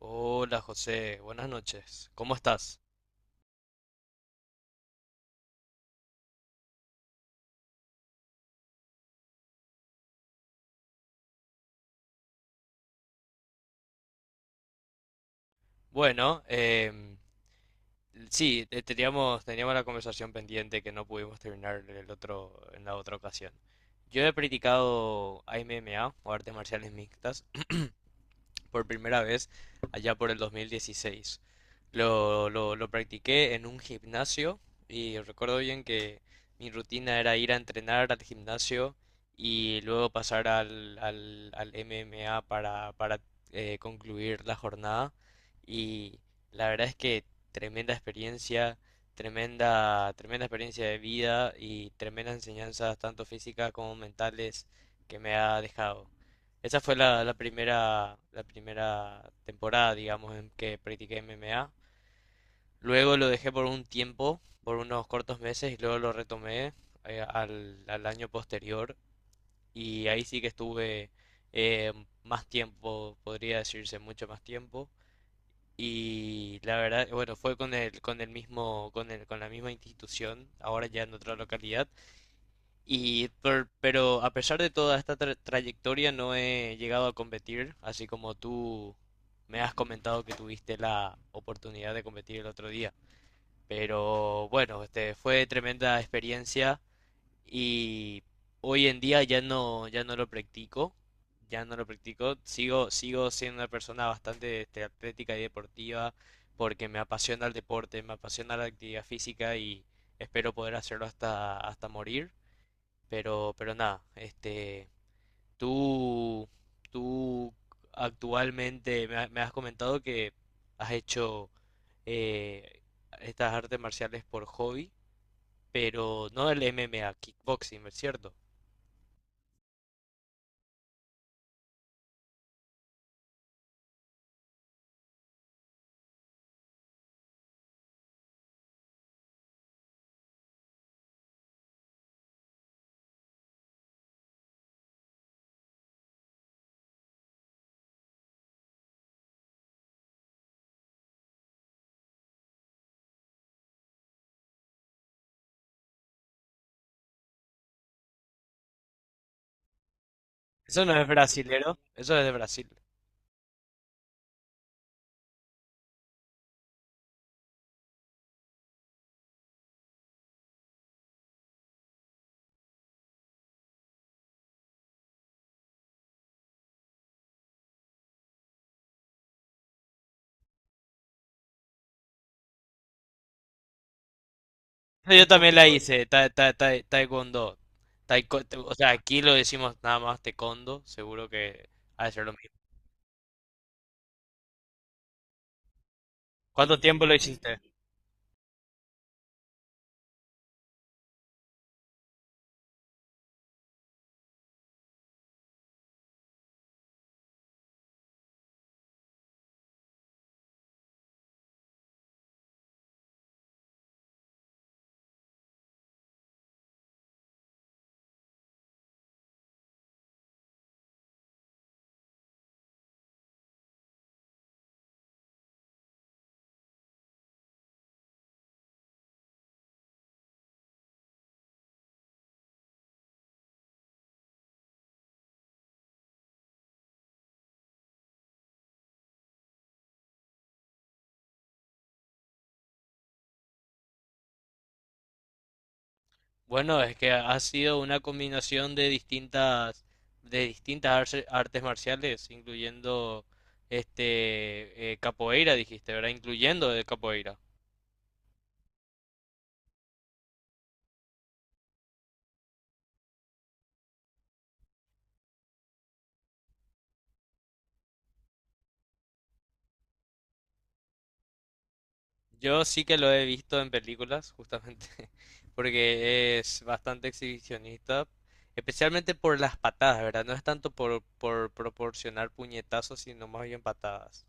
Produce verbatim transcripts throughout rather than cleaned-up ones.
Hola José, buenas noches. ¿Cómo estás? Bueno, em, sí, eh, teníamos, teníamos la conversación pendiente que no pudimos terminar en el otro, en la otra ocasión. Yo he practicado M M A o artes marciales mixtas por primera vez allá por el dos mil dieciséis. Lo, lo, lo practiqué en un gimnasio y recuerdo bien que mi rutina era ir a entrenar al gimnasio y luego pasar al, al, al M M A para, para eh, concluir la jornada. Y la verdad es que tremenda experiencia, tremenda, tremenda experiencia de vida y tremendas enseñanzas, tanto físicas como mentales, que me ha dejado. Esa fue la, la primera, la primera temporada, digamos, en que practiqué M M A. Luego lo dejé por un tiempo, por unos cortos meses, y luego lo retomé eh, al, al año posterior. Y ahí sí que estuve eh, más tiempo, podría decirse mucho más tiempo. Y la verdad, bueno, fue con el, con el mismo, con el, con la misma institución, ahora ya en otra localidad. Y per- pero a pesar de toda esta tra- trayectoria no he llegado a competir, así como tú me has comentado que tuviste la oportunidad de competir el otro día. Pero bueno, este fue tremenda experiencia y hoy en día ya no ya no lo practico, ya no lo practico. Sigo sigo siendo una persona bastante este, atlética y deportiva porque me apasiona el deporte, me apasiona la actividad física y espero poder hacerlo hasta hasta morir. Pero, pero nada, este, tú, tú actualmente me, ha- me has comentado que has hecho eh, estas artes marciales por hobby, pero no el M M A, kickboxing, ¿es cierto? Eso no es brasilero, eso es de Brasil. Eso yo también la hice, ta- ta- ta- taekwondo. Taiko- o sea, aquí lo decimos nada más taekwondo, seguro que ha de ser lo mismo. ¿Cuánto tiempo lo hiciste? Bueno, es que ha sido una combinación de distintas, de distintas arce- artes marciales, incluyendo este eh, capoeira, dijiste, ¿verdad? Incluyendo de capoeira. Yo sí que lo he visto en películas, justamente, porque es bastante exhibicionista, especialmente por las patadas, ¿verdad? No es tanto por, por proporcionar puñetazos, sino más bien patadas.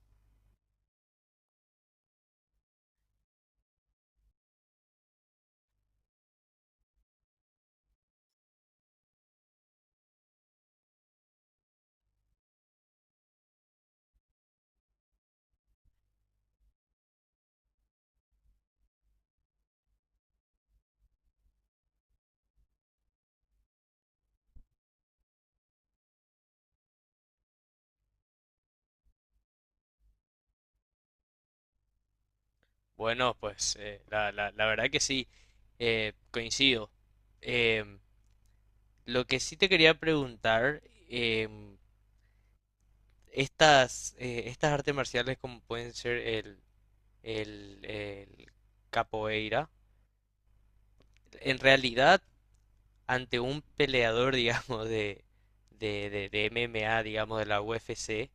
Bueno, pues eh, la, la, la verdad que sí, eh, coincido. Em, Lo que sí te quería preguntar, em, estas, eh, estas artes marciales como pueden ser el, el, el capoeira, en realidad ante un peleador, digamos, de, de, de, de M M A, digamos, de la U F C,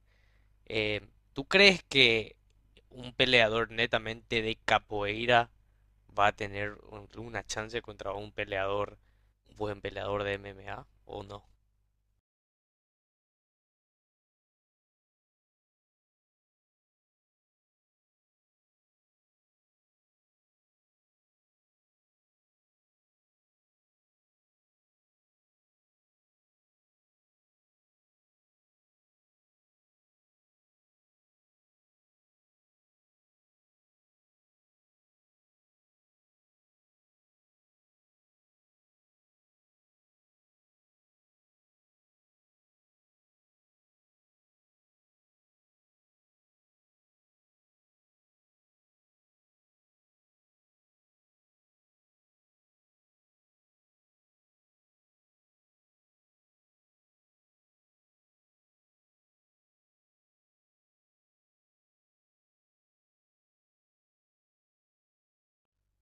em, ¿tú crees que un peleador netamente de capoeira va a tener un- una chance contra un peleador, un buen peleador de M M A o no?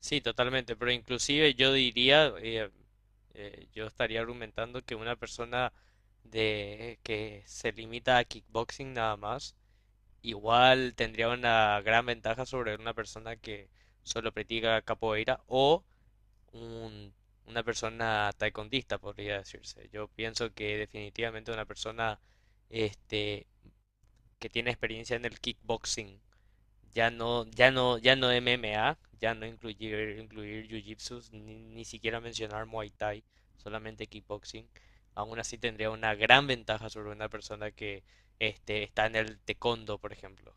Sí, totalmente, pero inclusive yo diría, eh, eh, yo estaría argumentando que una persona de que se limita a kickboxing nada más, igual tendría una gran ventaja sobre una persona que solo practica capoeira o un- una persona taekwondista, podría decirse. Yo pienso que definitivamente una persona este, que tiene experiencia en el kickboxing ya no, ya no, ya no M M A, ya no incluir, incluir Jiu-Jitsu, ni, ni siquiera mencionar Muay Thai, solamente kickboxing. Aún así tendría una gran ventaja sobre una persona que este, está en el taekwondo, por ejemplo.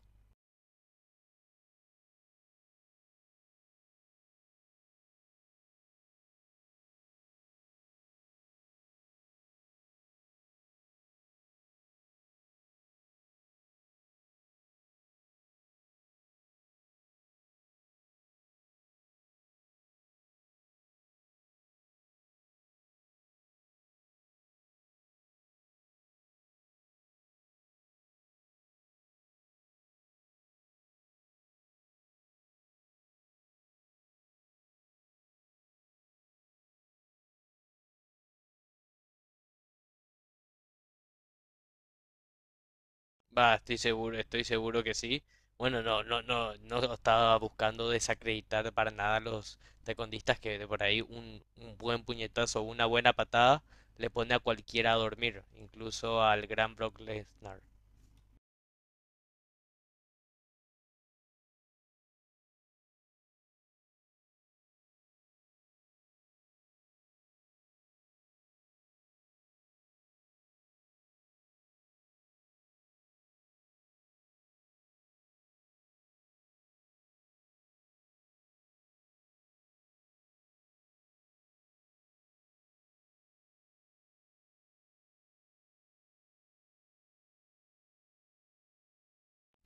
Va, estoy seguro, estoy seguro que sí. Bueno, no, no, no, no estaba buscando desacreditar para nada a los taekwondistas que de por ahí un, un buen puñetazo o una buena patada le pone a cualquiera a dormir, incluso al gran Brock Lesnar.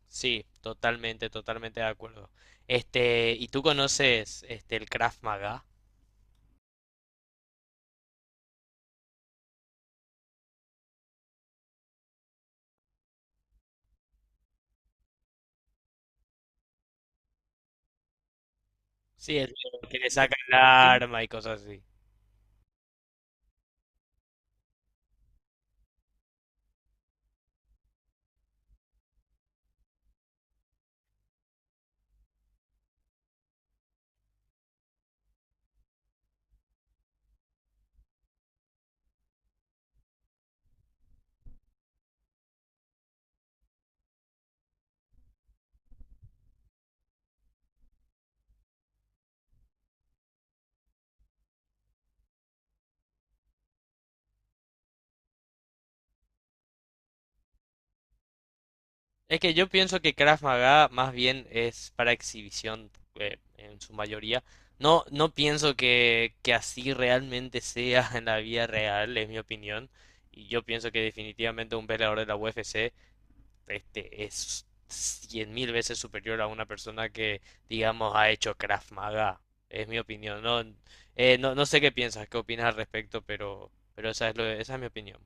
Sí, totalmente, totalmente de acuerdo. Este, ¿y tú conoces este el Krav Maga? Sí, el que le saca el arma y cosas así. Es que yo pienso que Krav Maga más bien es para exhibición eh, en su mayoría. No, no pienso que, que así realmente sea en la vida real, es mi opinión. Y yo pienso que definitivamente un peleador de la U F C este, es cien mil veces superior a una persona que, digamos, ha hecho Krav Maga. Es mi opinión. No, eh, no, no sé qué piensas, qué opinas al respecto, pero, pero esa es lo, esa es mi opinión.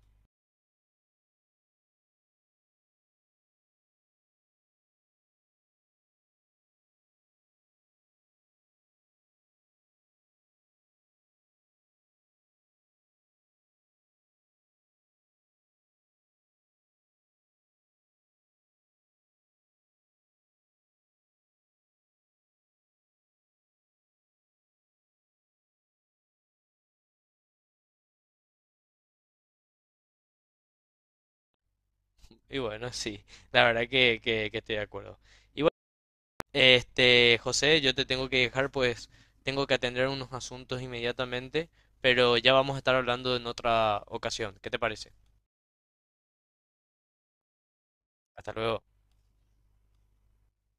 Y bueno, sí, la verdad que, que, que estoy de acuerdo. Y bueno, este, José, yo te tengo que dejar, pues tengo que atender unos asuntos inmediatamente, pero ya vamos a estar hablando en otra ocasión. ¿Qué te parece? Hasta luego.